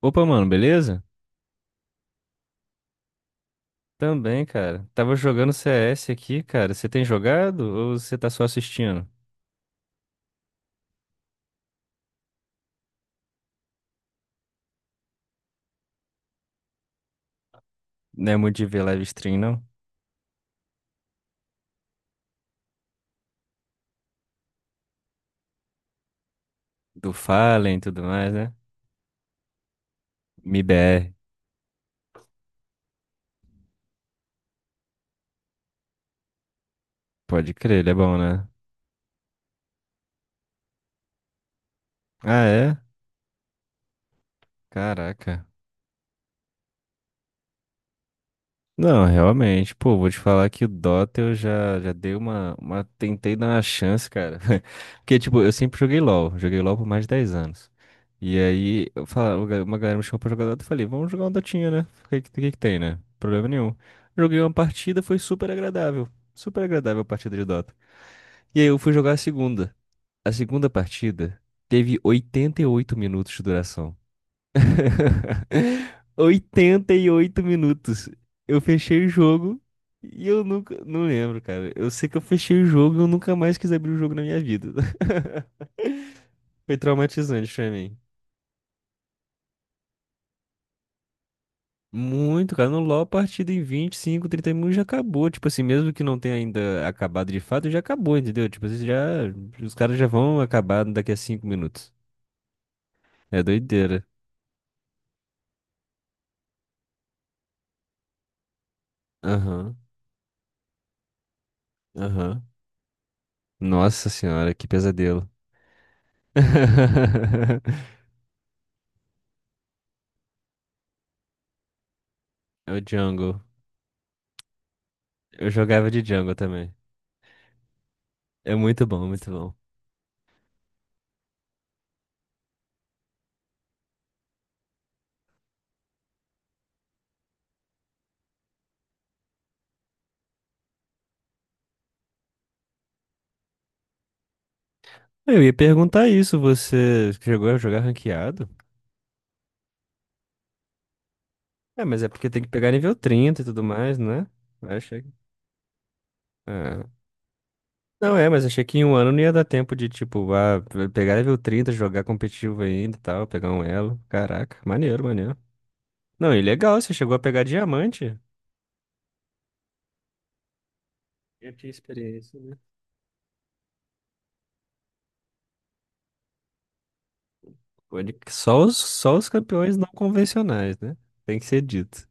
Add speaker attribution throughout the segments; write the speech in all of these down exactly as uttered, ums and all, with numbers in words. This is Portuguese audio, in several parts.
Speaker 1: Opa, mano, beleza? Também, cara. Tava jogando C S aqui, cara. Você tem jogado ou você tá só assistindo? Não é muito de ver live stream, não? Do Fallen e tudo mais, né? M I B R. Pode crer, ele é bom, né? Ah, é? Caraca. Não, realmente, pô, vou te falar que o Dota eu já, já dei uma, uma. Tentei dar uma chance, cara. Porque, tipo, eu sempre joguei LOL. Joguei LOL por mais de dez anos. E aí, eu falava, uma galera me chamou pra jogar Dota e falei, vamos jogar um Dotinha, né? O que, que, que que tem, né? Problema nenhum. Joguei uma partida, foi super agradável. Super agradável a partida de Dota. E aí eu fui jogar a segunda. A segunda partida teve oitenta e oito minutos de duração. Oitenta e oito minutos. Eu fechei o jogo e eu nunca. Não lembro, cara. Eu sei que eu fechei o jogo e eu nunca mais quis abrir o jogo na minha vida. Foi traumatizante pra mim. Muito, cara. No LoL, a partida em vinte e cinco, trinta minutos já acabou. Tipo assim, mesmo que não tenha ainda acabado de fato, já acabou, entendeu? Tipo assim, já. Os caras já vão acabar daqui a cinco minutos. É doideira. Aham, aham. Nossa senhora, que pesadelo. É o Django. Eu jogava de Django também. É muito bom, muito bom. Eu ia perguntar isso, você chegou a jogar ranqueado? É, mas é porque tem que pegar nível trinta e tudo mais, né? Eu achei. Ah. Não é, mas achei que em um ano não ia dar tempo de, tipo, ah, pe- pegar nível trinta, jogar competitivo ainda e tal, pegar um elo. Caraca, maneiro, maneiro. Não, e legal, você chegou a pegar diamante. Eu tinha experiência, né? Pode- Só os, só os campeões não convencionais, né? Tem que ser dito.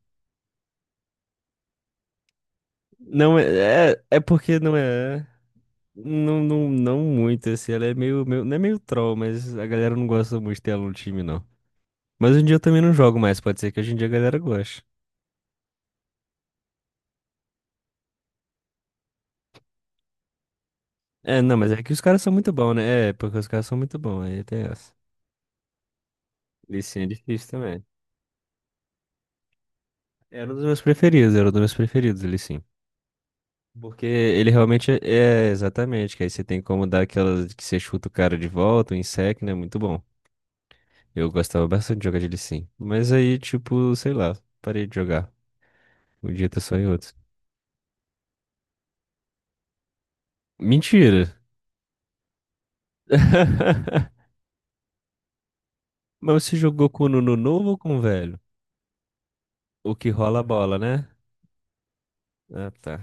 Speaker 1: Não é, é, é porque não é. Não, não, não muito, assim, ela é meio, meio- não é meio troll, mas a galera não gosta muito dela no time, não. Mas hoje em dia eu também não jogo mais, pode ser que hoje em dia a galera goste. É, não, mas é que os caras são muito bons, né? É, porque os caras são muito bons, aí tem essa. Lee Sin é difícil também. Era um dos meus preferidos, era um dos meus preferidos, Lee Sin. Porque ele realmente é, é, exatamente, que aí você tem como dar aquela que você chuta o cara de volta, o insect, né? Muito bom. Eu gostava bastante de jogar de Lee Sin. Mas aí, tipo, sei lá, parei de jogar. Um dia tá só em outros. Mentira! Mas você jogou com o Nuno novo ou com o velho? O que rola a bola, né? Ah, tá.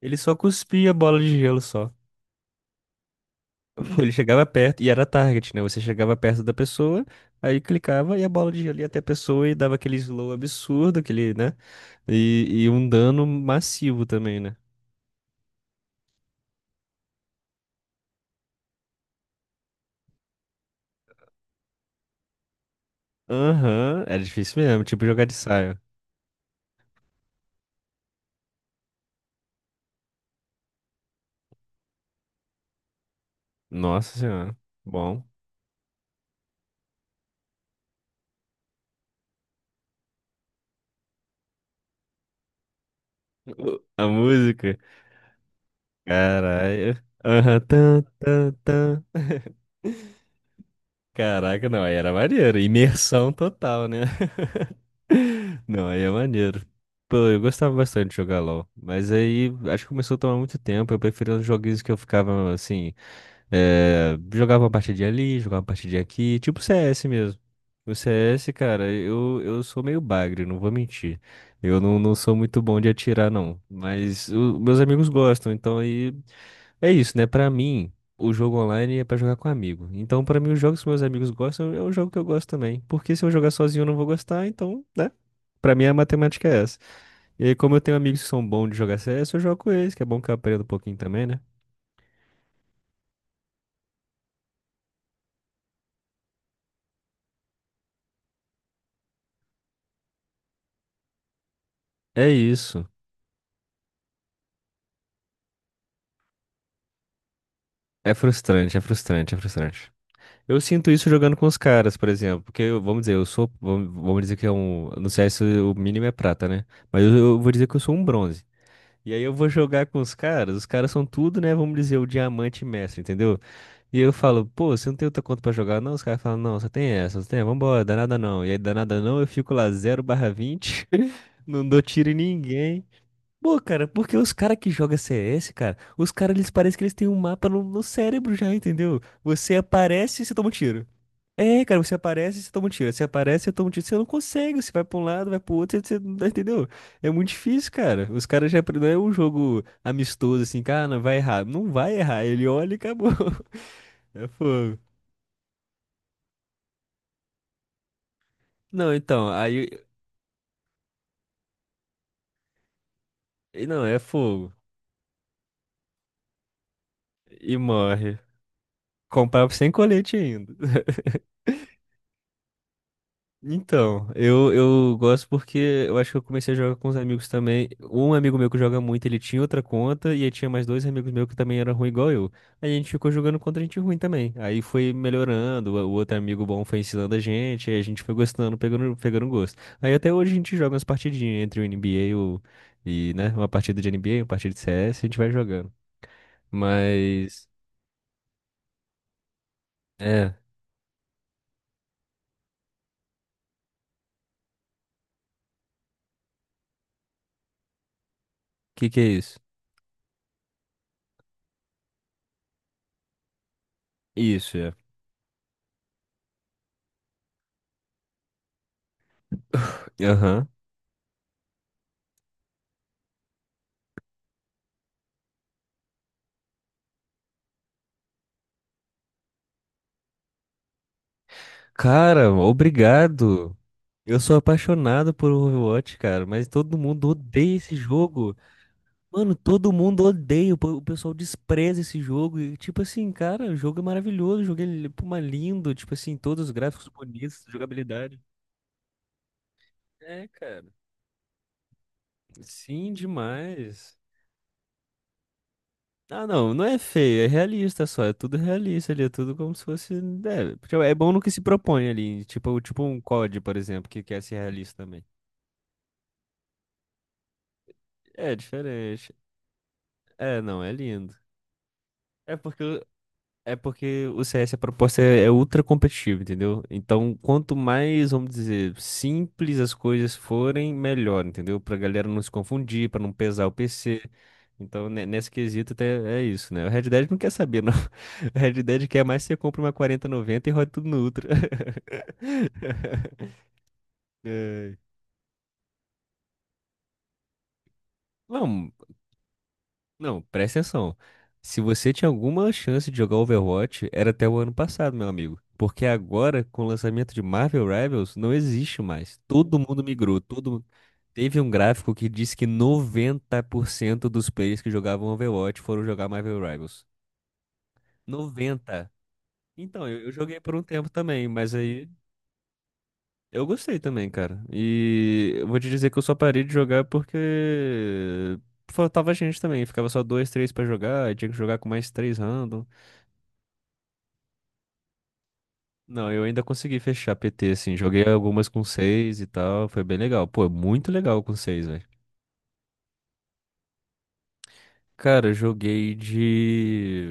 Speaker 1: Ele só cuspia a bola de gelo só. Ele chegava perto e era target, né? Você chegava perto da pessoa, aí clicava e a bola de gelo ia até a pessoa e dava aquele slow absurdo, aquele, né? E, e um dano massivo também, né? Aham, era difícil mesmo, tipo jogar de saia. Nossa senhora, bom. O- A música, caralho. Aham, tan, tan, tan. Caraca, não, aí era maneiro. Imersão total, né? Não, aí é maneiro. Pô, eu gostava bastante de jogar LOL. Mas aí acho que começou a tomar muito tempo. Eu preferia os joguinhos que eu ficava assim. eh, jogava uma partidinha ali, jogava uma partidinha aqui. Tipo C S mesmo. O C S, cara, eu, eu sou meio bagre, não vou mentir. Eu não, não sou muito bom de atirar, não. Mas o- meus amigos gostam, então aí. É isso, né? Pra mim, o jogo online é pra jogar com amigo. Então, pra mim, os jogos que meus amigos gostam é um jogo que eu gosto também. Porque se eu jogar sozinho, eu não vou gostar, então, né? Pra mim, a matemática é essa. E aí, como eu tenho amigos que são bons de jogar C S, eu jogo com eles, que é bom que eu aprendo um pouquinho também, né? É isso. É frustrante, é frustrante, é frustrante. Eu sinto isso jogando com os caras, por exemplo. Porque, eu- vamos dizer, eu sou. Vamos vamos dizer que é um. No C S o mínimo é prata, né? Mas eu, eu vou dizer que eu sou um bronze. E aí eu vou jogar com os caras, os caras são tudo, né? Vamos dizer, o diamante mestre, entendeu? E eu falo, pô, você não tem outra conta pra jogar, não? Os caras falam, não, só tem essa, só tem, vambora, danada não. E aí, danada não, eu fico lá zero barra vinte não dou tiro em ninguém. Pô, cara, porque os caras que jogam C S, cara, os caras, eles parecem que eles têm um mapa no, no cérebro já, entendeu? Você aparece e você toma um tiro. É, cara, você aparece, e você toma um tiro. Você aparece, e toma um tiro. Você não consegue. Você vai pra um lado, vai pro outro, você, você não tá- entendeu? É muito difícil, cara. Os caras já apre- não é um jogo amistoso assim, cara, não vai errar. Não vai errar. Ele olha e acabou. É fogo. Não, então, aí, e não, é fogo. E morre. Comprar sem colete ainda. Então, eu, eu gosto porque eu acho que eu comecei a jogar com os amigos também. Um amigo meu que joga muito, ele tinha outra conta, e aí tinha mais dois amigos meus que também eram ruim igual eu. Aí a gente ficou jogando contra gente ruim também. Aí foi melhorando, o outro amigo bom foi ensinando a gente, aí a gente foi gostando, pegando, pegando gosto. Aí até hoje a gente joga umas partidinhas entre o N B A e, o, e, né, uma partida de N B A, uma partida de C S, a gente vai jogando. Mas, é, o que que é isso? Isso, é. Aham. Cara, obrigado. Eu sou apaixonado por Overwatch, cara, mas todo mundo odeia esse jogo. Mano, todo mundo odeia, o po- o pessoal despreza esse jogo. E, tipo assim, cara, o jogo é maravilhoso, o jogo é li- pô, mas lindo, tipo assim, todos os gráficos bonitos, jogabilidade. É, cara. Sim, demais. Ah, não, não é feio, é realista só, é tudo realista ali, é tudo como se fosse. É, tipo, é bom no que se propõe ali, tipo, tipo, um cód, por exemplo, que quer ser realista também. É diferente. É, não, é lindo. É porque É porque o C S, a proposta é é ultra competitiva, entendeu? Então, quanto mais, vamos dizer, simples as coisas forem, melhor, entendeu? Pra galera não se confundir, pra não pesar o P C. Então, ne- nesse quesito, até é isso, né? O Red Dead não quer saber, não. O Red Dead quer mais que você compre uma quarenta e noventa e roda tudo no Ultra. É. Não, não, presta atenção. Se você tinha alguma chance de jogar Overwatch, era até o ano passado, meu amigo. Porque agora, com o lançamento de Marvel Rivals, não existe mais. Todo mundo migrou, todo mundo... Teve um gráfico que disse que noventa por cento dos players que jogavam Overwatch foram jogar Marvel Rivals. noventa. Então, eu, eu joguei por um tempo também, mas aí eu gostei também, cara. E eu vou te dizer que eu só parei de jogar porque faltava gente também. Ficava só dois, três pra jogar, e tinha que jogar com mais três random. Não, eu ainda consegui fechar P T, assim. Joguei algumas com seis e tal. Foi bem legal. Pô, muito legal com seis, velho. Cara, eu joguei de.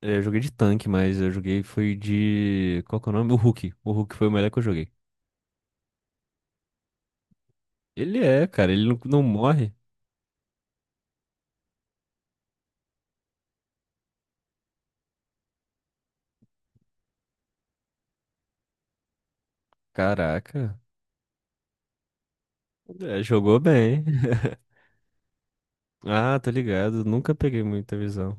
Speaker 1: É, Eu joguei de tanque, mas eu joguei foi de. Qual que é o nome? O Hulk. O Hulk foi o melhor que eu joguei. Ele é, cara, ele não, não morre. Caraca. É, jogou bem. Ah, tô ligado. Nunca peguei muita visão.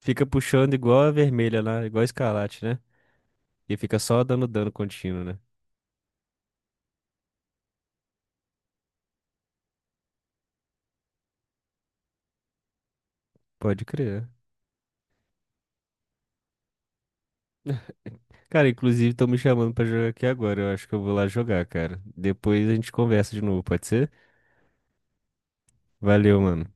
Speaker 1: Fica puxando igual a vermelha lá, igual a escarlate, né? E fica só dando dano contínuo, né? Pode crer. Cara, inclusive estão me chamando pra jogar aqui agora. Eu acho que eu vou lá jogar, cara. Depois a gente conversa de novo, pode ser? Valeu, mano.